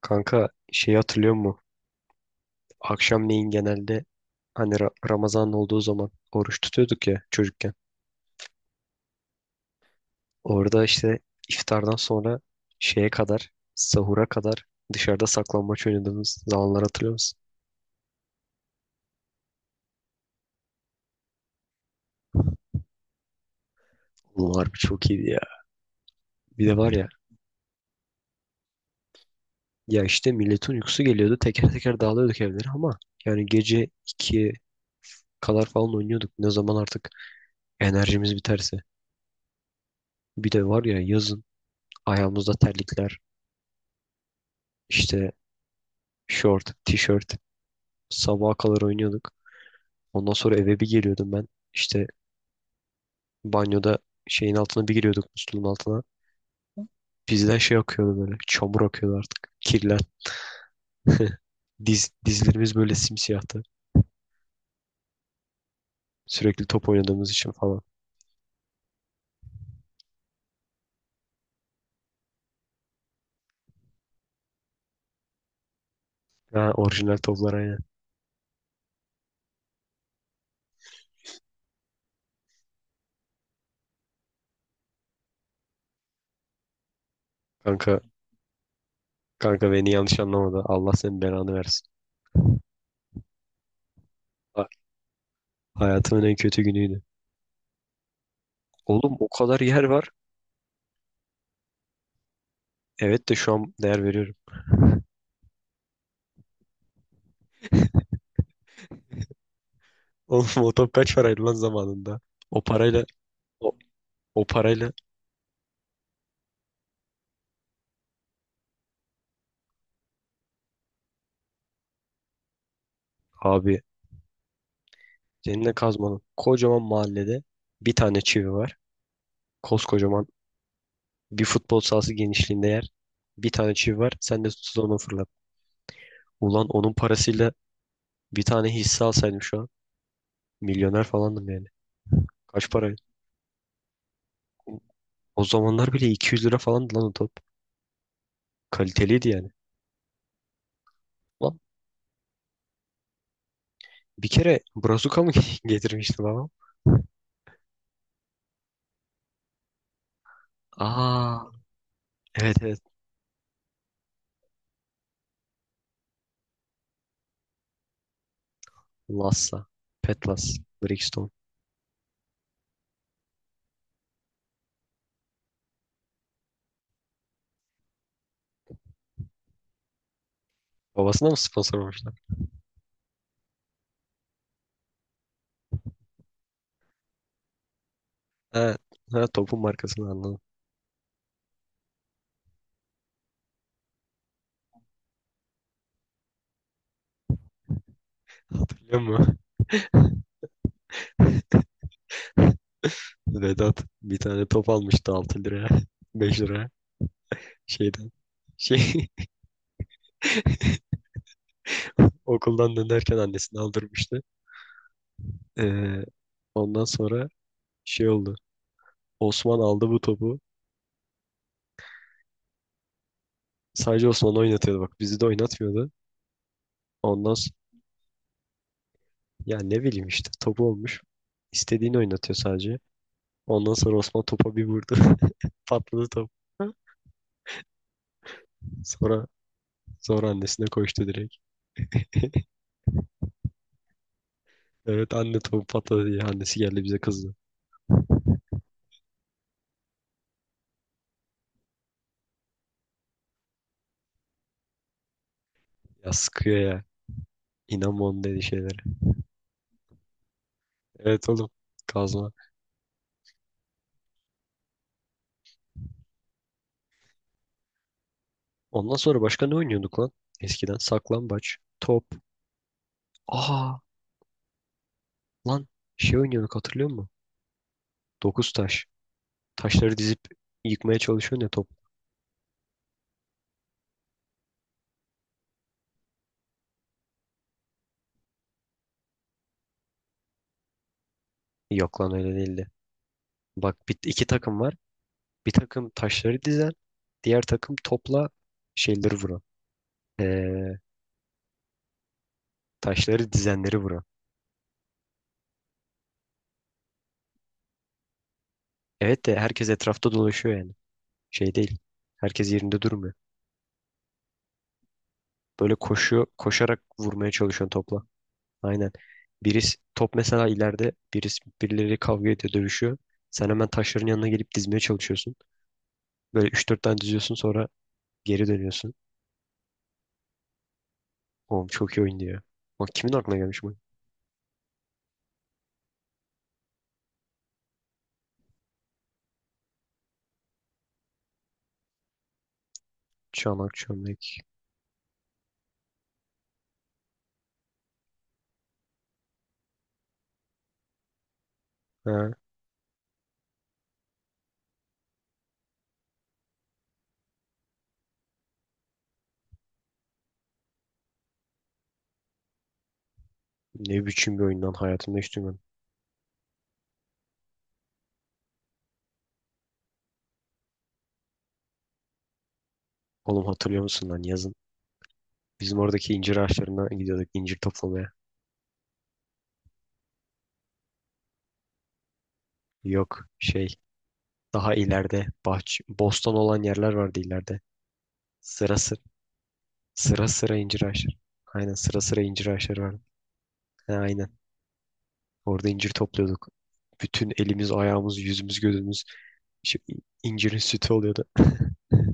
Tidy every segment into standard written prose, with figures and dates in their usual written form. Kanka şeyi hatırlıyor musun? Akşamleyin genelde hani Ramazan olduğu zaman oruç tutuyorduk ya çocukken. Orada işte iftardan sonra şeye kadar, sahura kadar dışarıda saklambaç oynadığımız zamanlar hatırlıyor musun? Oğlum harbi çok iyiydi ya. Bir de var ya, ya işte milletin uykusu geliyordu. Teker teker dağılıyorduk evlere ama yani gece 2'ye kadar falan oynuyorduk. Ne zaman artık enerjimiz biterse. Bir de var ya yazın ayağımızda terlikler, işte şort, tişört. Sabaha kadar oynuyorduk. Ondan sonra eve bir geliyordum ben. İşte banyoda şeyin altına bir giriyorduk musluğun altına. Bizden şey akıyordu böyle. Çamur akıyordu artık. Kirler. Dizlerimiz böyle simsiyahtı. Sürekli top oynadığımız için falan. Ha, orijinal toplar aynen. Kanka, kanka beni yanlış anlamadı. Allah senin belanı versin. Ha- Hayatımın en kötü günüydü. Oğlum o kadar yer var. Evet de şu an değer veriyorum. Oğlum o top kaç paraydı lan zamanında? O parayla o, o parayla abi seninle kazmanın kocaman mahallede bir tane çivi var. Koskocaman bir futbol sahası genişliğinde yer. Bir tane çivi var. Sen de tutsuz onu fırlat. Ulan onun parasıyla bir tane hisse alsaydım şu an. Milyoner falandım yani. Kaç para? O zamanlar bile 200 lira falandı lan o top. Kaliteliydi yani. Lan bir kere Brazuka mı getirmişti babam? Aa evet evet. Lassa. Petlas. Brixton. Babasına mı sponsor olmuşlar? Ha, ha topun markasını anladım. Hatırlıyor musun? Vedat bir tane top almıştı 6 liraya. 5 liraya. Şeyden. Şey. Okuldan dönerken annesini aldırmıştı. Ee, ondan sonra şey oldu. Osman aldı bu topu. Sadece Osman oynatıyordu bak. Bizi de oynatmıyordu. Ondan sonra ya ne bileyim işte topu olmuş. İstediğini oynatıyor sadece. Ondan sonra Osman topa bir vurdu. Patladı top. Sonra sonra annesine koştu direkt. Evet anne topu patladı diye annesi geldi bize kızdı. Ya sıkıyor ya. İnanma onun dediği şeylere. Evet oğlum. Kazma. Ondan sonra başka ne oynuyorduk lan? Eskiden saklambaç, top. Aa lan şey oynuyorduk hatırlıyor musun? Dokuz taş. Taşları dizip yıkmaya çalışıyorsun ya top. Yok lan öyle değildi. Bak bir, iki takım var. Bir takım taşları dizen. Diğer takım topla şeyleri vuran. Ee, taşları dizenleri vuran. Evet de herkes etrafta dolaşıyor yani. Şey değil. Herkes yerinde durmuyor. Böyle koşuyor, koşarak vurmaya çalışıyorsun topla. Aynen. Birisi top mesela ileride birisi birileri kavga ediyor, dövüşüyor. Sen hemen taşların yanına gelip dizmeye çalışıyorsun. Böyle üç dört tane diziyorsun sonra geri dönüyorsun. Oğlum çok iyi oyun diyor. Bak kimin aklına gelmiş bu? Çanak çömlek. Ha, ne biçim bir oyundan hayatımda hiç duymadım. Oğlum hatırlıyor musun lan yazın? Bizim oradaki incir ağaçlarına gidiyorduk incir toplamaya. Yok şey daha ileride bahçe, bostan olan yerler vardı ileride. Sıra sıra sıra sıra incir ağaçları. Aynen sıra sıra incir ağaçları vardı. Ha, aynen. Orada incir topluyorduk. Bütün elimiz, ayağımız, yüzümüz, gözümüz şey, incirin sütü oluyordu.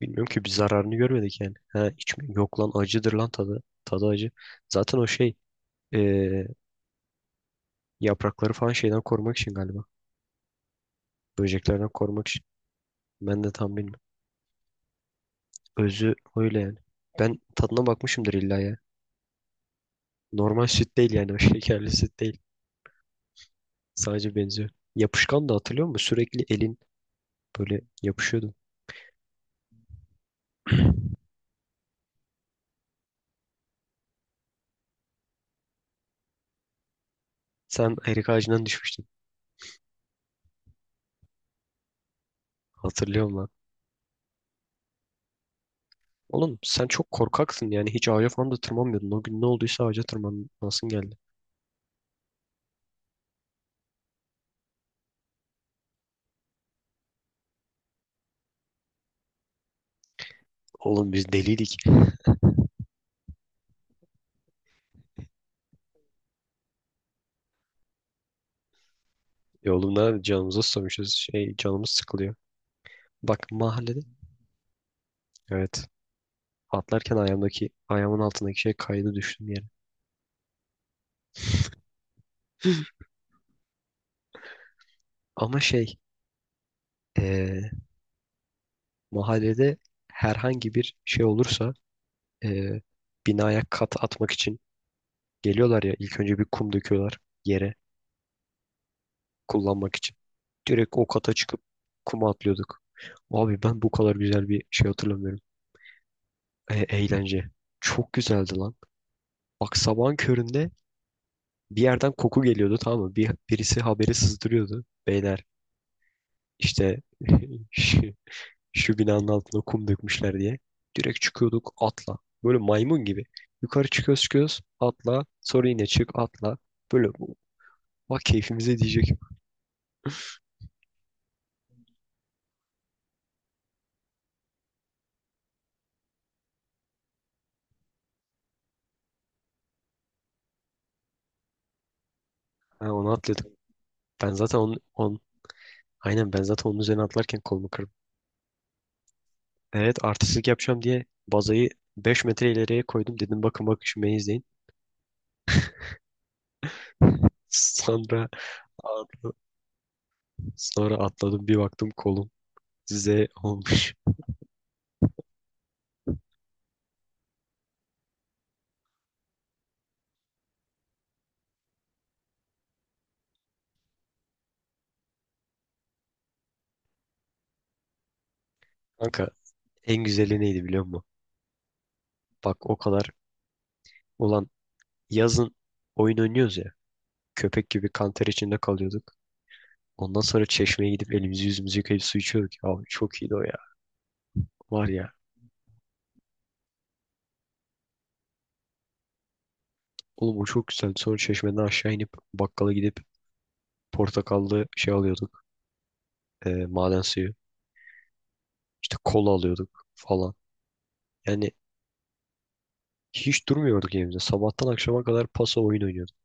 Bilmiyorum ki bir zararını görmedik yani. Ha, hiç mi? Yok lan acıdır lan tadı. Tadı acı. Zaten o şey, eee, yaprakları falan şeyden korumak için galiba. Böceklerden korumak için. Ben de tam bilmiyorum. Özü öyle yani. Ben tadına bakmışımdır illa ya. Normal süt değil yani o, şekerli süt değil. Sadece benziyor. Yapışkan da hatırlıyor musun? Sürekli elin böyle yapışıyordu. Sen erik ağacından düşmüştün. Hatırlıyorum. Oğlum sen çok korkaksın yani hiç ağaca falan da tırmanmıyordun. O gün ne olduysa ağaca tırmanasın geldi. Oğlum biz deliydik. E oğlum ne canımıza susamışız. Şey canımız sıkılıyor. Bak mahallede. Evet. Atlarken ayağımın altındaki şey kaydı düştüm yere. Ama şey, eee, mahallede herhangi bir şey olursa eee binaya kat atmak için geliyorlar ya ilk önce bir kum döküyorlar yere kullanmak için. Direkt o kata çıkıp kuma atlıyorduk. Abi ben bu kadar güzel bir şey hatırlamıyorum. E, eğlence. Çok güzeldi lan. Bak sabahın köründe bir yerden koku geliyordu tamam mı? Birisi haberi sızdırıyordu. Beyler işte şu, şu binanın altına kum dökmüşler diye. Direkt çıkıyorduk atla. Böyle maymun gibi. Yukarı çıkıyoruz çıkıyoruz atla. Sonra yine çık atla. Böyle bak keyfimize diyecek. Ha, onu atladık. Ben zaten aynen ben zaten onun üzerine atlarken kolumu kırdım. Evet artistlik yapacağım diye bazayı 5 metre ileriye koydum. Dedim bakın bakın şu beni izleyin. Sonra Atla- sonra atladım bir baktım kolum Z olmuş. Kanka en güzeli neydi biliyor musun? Bak o kadar ulan yazın oyun oynuyoruz ya. Köpek gibi kanter içinde kalıyorduk. Ondan sonra çeşmeye gidip elimizi yüzümüzü yıkayıp su içiyorduk. Abi çok iyiydi o ya. Var ya. Oğlum o çok güzel. Sonra çeşmeden aşağı inip bakkala gidip portakallı şey alıyorduk. E, maden suyu. İşte kola alıyorduk falan. Yani hiç durmuyorduk evimizde. Sabahtan akşama kadar pasa oyun oynuyorduk.